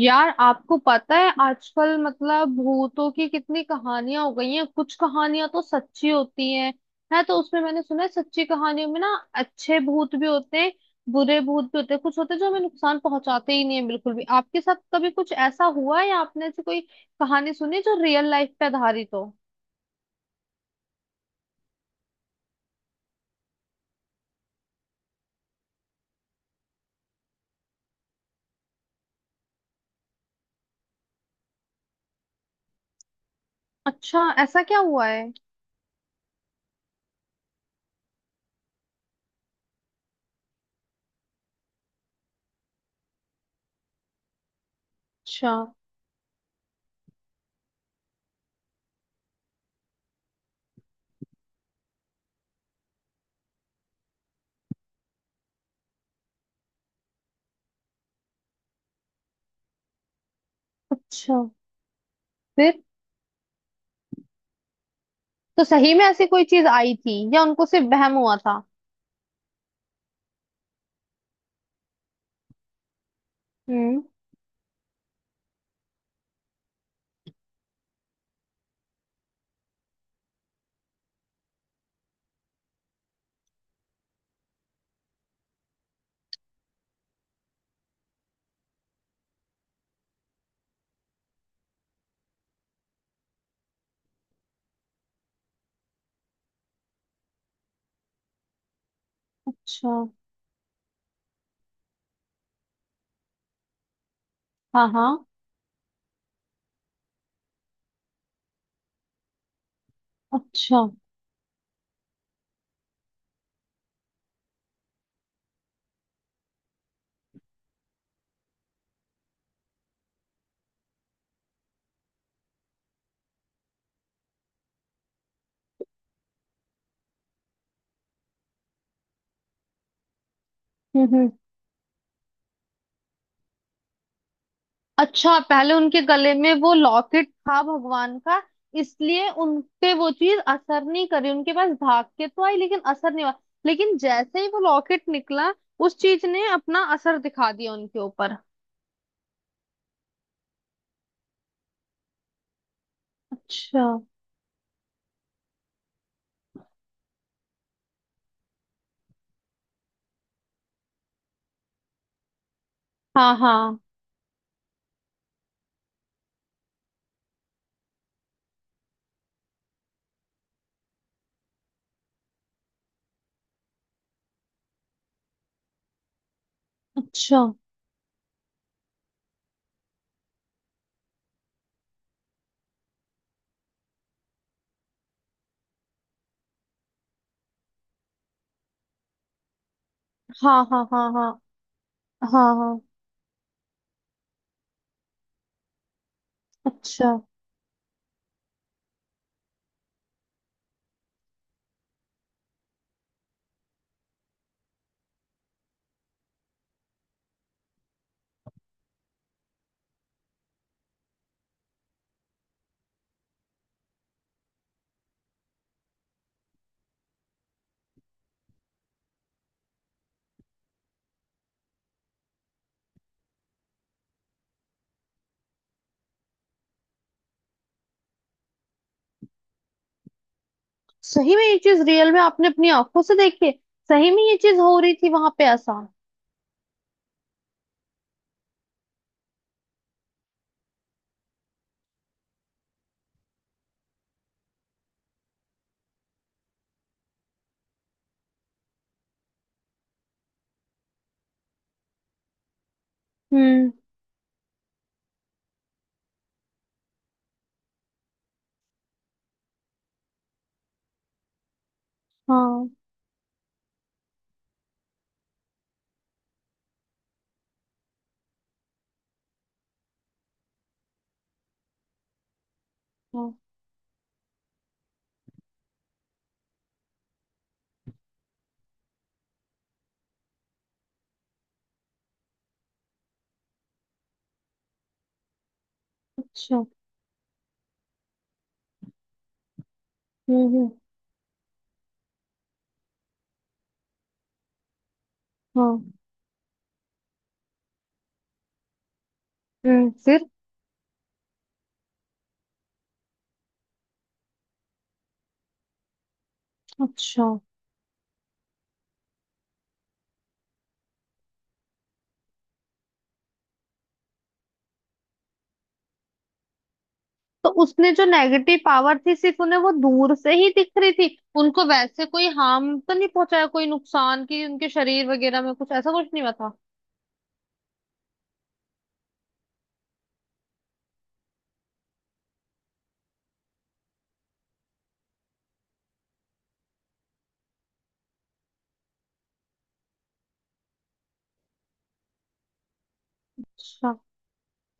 यार, आपको पता है आजकल मतलब भूतों की कितनी कहानियां हो गई हैं। कुछ कहानियां तो सच्ची होती हैं। है, तो उसमें मैंने सुना है सच्ची कहानियों में ना अच्छे भूत भी होते हैं, बुरे भूत भी होते हैं। कुछ होते हैं जो हमें नुकसान पहुंचाते ही नहीं है बिल्कुल भी। आपके साथ कभी कुछ ऐसा हुआ है या आपने ऐसी कोई कहानी सुनी जो रियल लाइफ पे आधारित हो? अच्छा, ऐसा क्या हुआ है? अच्छा। अच्छा। फिर? तो सही में ऐसी कोई चीज आई थी या उनको सिर्फ वहम हुआ था? हम्म। अच्छा। हाँ हाँ। अच्छा। हम्म हम्म। अच्छा, पहले उनके गले में वो लॉकेट था भगवान का, इसलिए उन पे वो चीज असर नहीं करी। उनके पास भाग के तो आई लेकिन असर नहीं हुआ। लेकिन जैसे ही वो लॉकेट निकला उस चीज ने अपना असर दिखा दिया उनके ऊपर। अच्छा। हाँ हाँ। अच्छा। हाँ हाँ हाँ हाँ। हाँ हाँ। अच्छा। सही में ये चीज रियल में आपने अपनी आंखों से देखी है? सही में ये चीज हो रही थी वहां पे ऐसा? हम्म। हाँ हाँ। अच्छा। हम्म। हाँ। हम्म। फिर? अच्छा। तो उसमें जो नेगेटिव पावर थी सिर्फ उन्हें वो दूर से ही दिख रही थी? उनको वैसे कोई हार्म तो नहीं पहुंचाया, कोई नुकसान की उनके शरीर वगैरह में कुछ ऐसा कुछ नहीं हुआ था? अच्छा।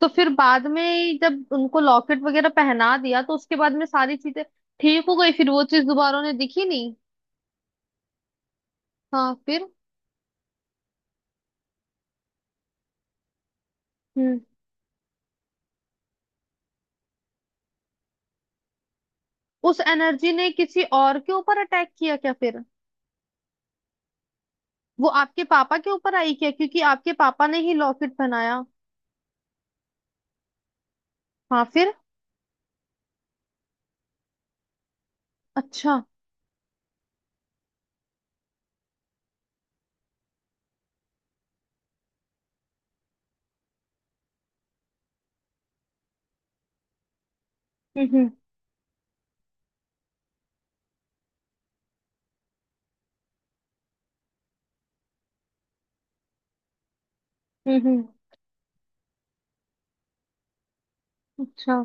तो फिर बाद में जब उनको लॉकेट वगैरह पहना दिया तो उसके बाद में सारी चीजें ठीक हो गई? फिर वो चीज दोबारा उन्हें दिखी नहीं? हाँ। फिर? हम्म। उस एनर्जी ने किसी और के ऊपर अटैक किया क्या फिर? वो आपके पापा के ऊपर आई क्या, क्योंकि आपके पापा ने ही लॉकेट पहनाया? हाँ। फिर? अच्छा। हम्म। हम्म हम्म। अच्छा।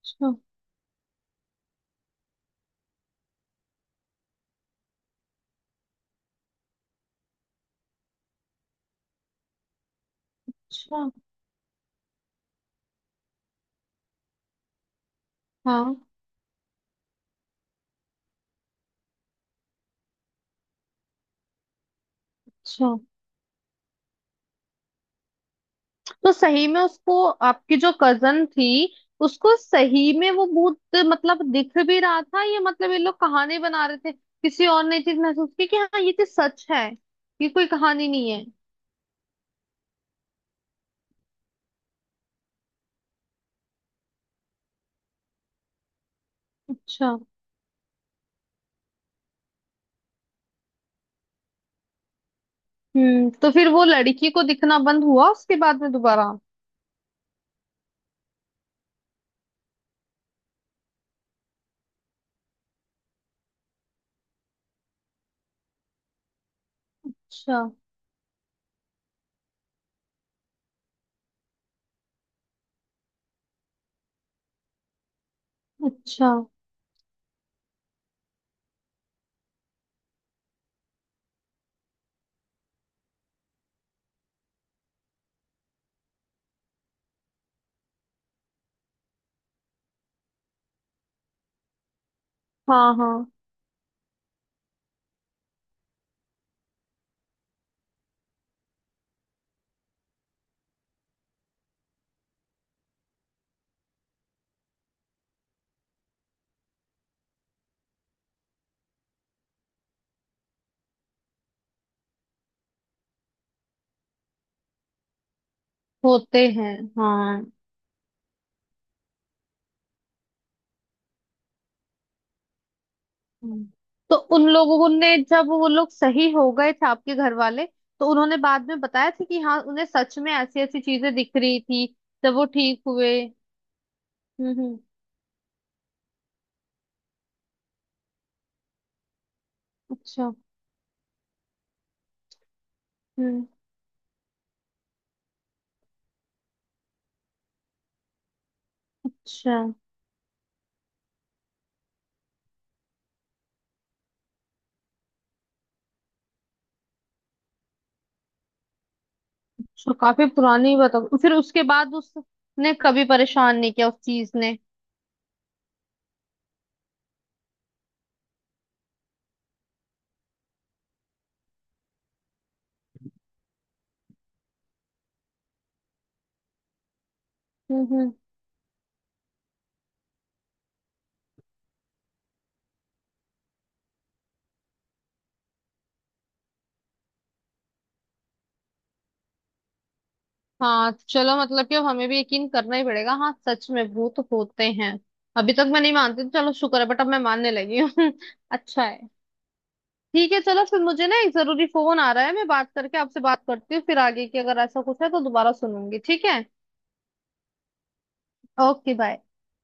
अच्छा। अच्छा। हाँ। अच्छा। तो सही में उसको आपकी जो कजन थी उसको सही में वो भूत मतलब दिख भी रहा था? ये मतलब ये लोग कहानी बना रहे थे किसी और ने चीज महसूस की कि हाँ ये चीज सच है? ये कोई कहानी नहीं है। अच्छा। हम्म। तो फिर वो लड़की को दिखना बंद हुआ उसके बाद में दोबारा? अच्छा। अच्छा। हाँ हाँ। होते हैं। हाँ। हम्म। तो उन लोगों ने जब वो लोग सही हो गए थे आपके घर वाले तो उन्होंने बाद में बताया था कि हाँ उन्हें सच में ऐसी ऐसी चीजें दिख रही थी जब वो ठीक हुए? हम्म। अच्छा। हम्म। अच्छा। अच्छा, काफी पुरानी बात फिर उसके बाद उसने कभी परेशान नहीं किया उस चीज ने? हम्म। हाँ, तो चलो मतलब कि अब हमें भी यकीन करना ही पड़ेगा। हाँ, सच में भूत होते हैं। अभी तक मैं नहीं मानती थी, चलो शुक्र है बट अब मैं मानने लगी हूँ। अच्छा है। ठीक है, चलो फिर मुझे ना एक जरूरी फोन आ रहा है, मैं बात करके आपसे बात करती हूँ फिर आगे की अगर ऐसा कुछ है तो दोबारा सुनूंगी। ठीक है। Okay bye.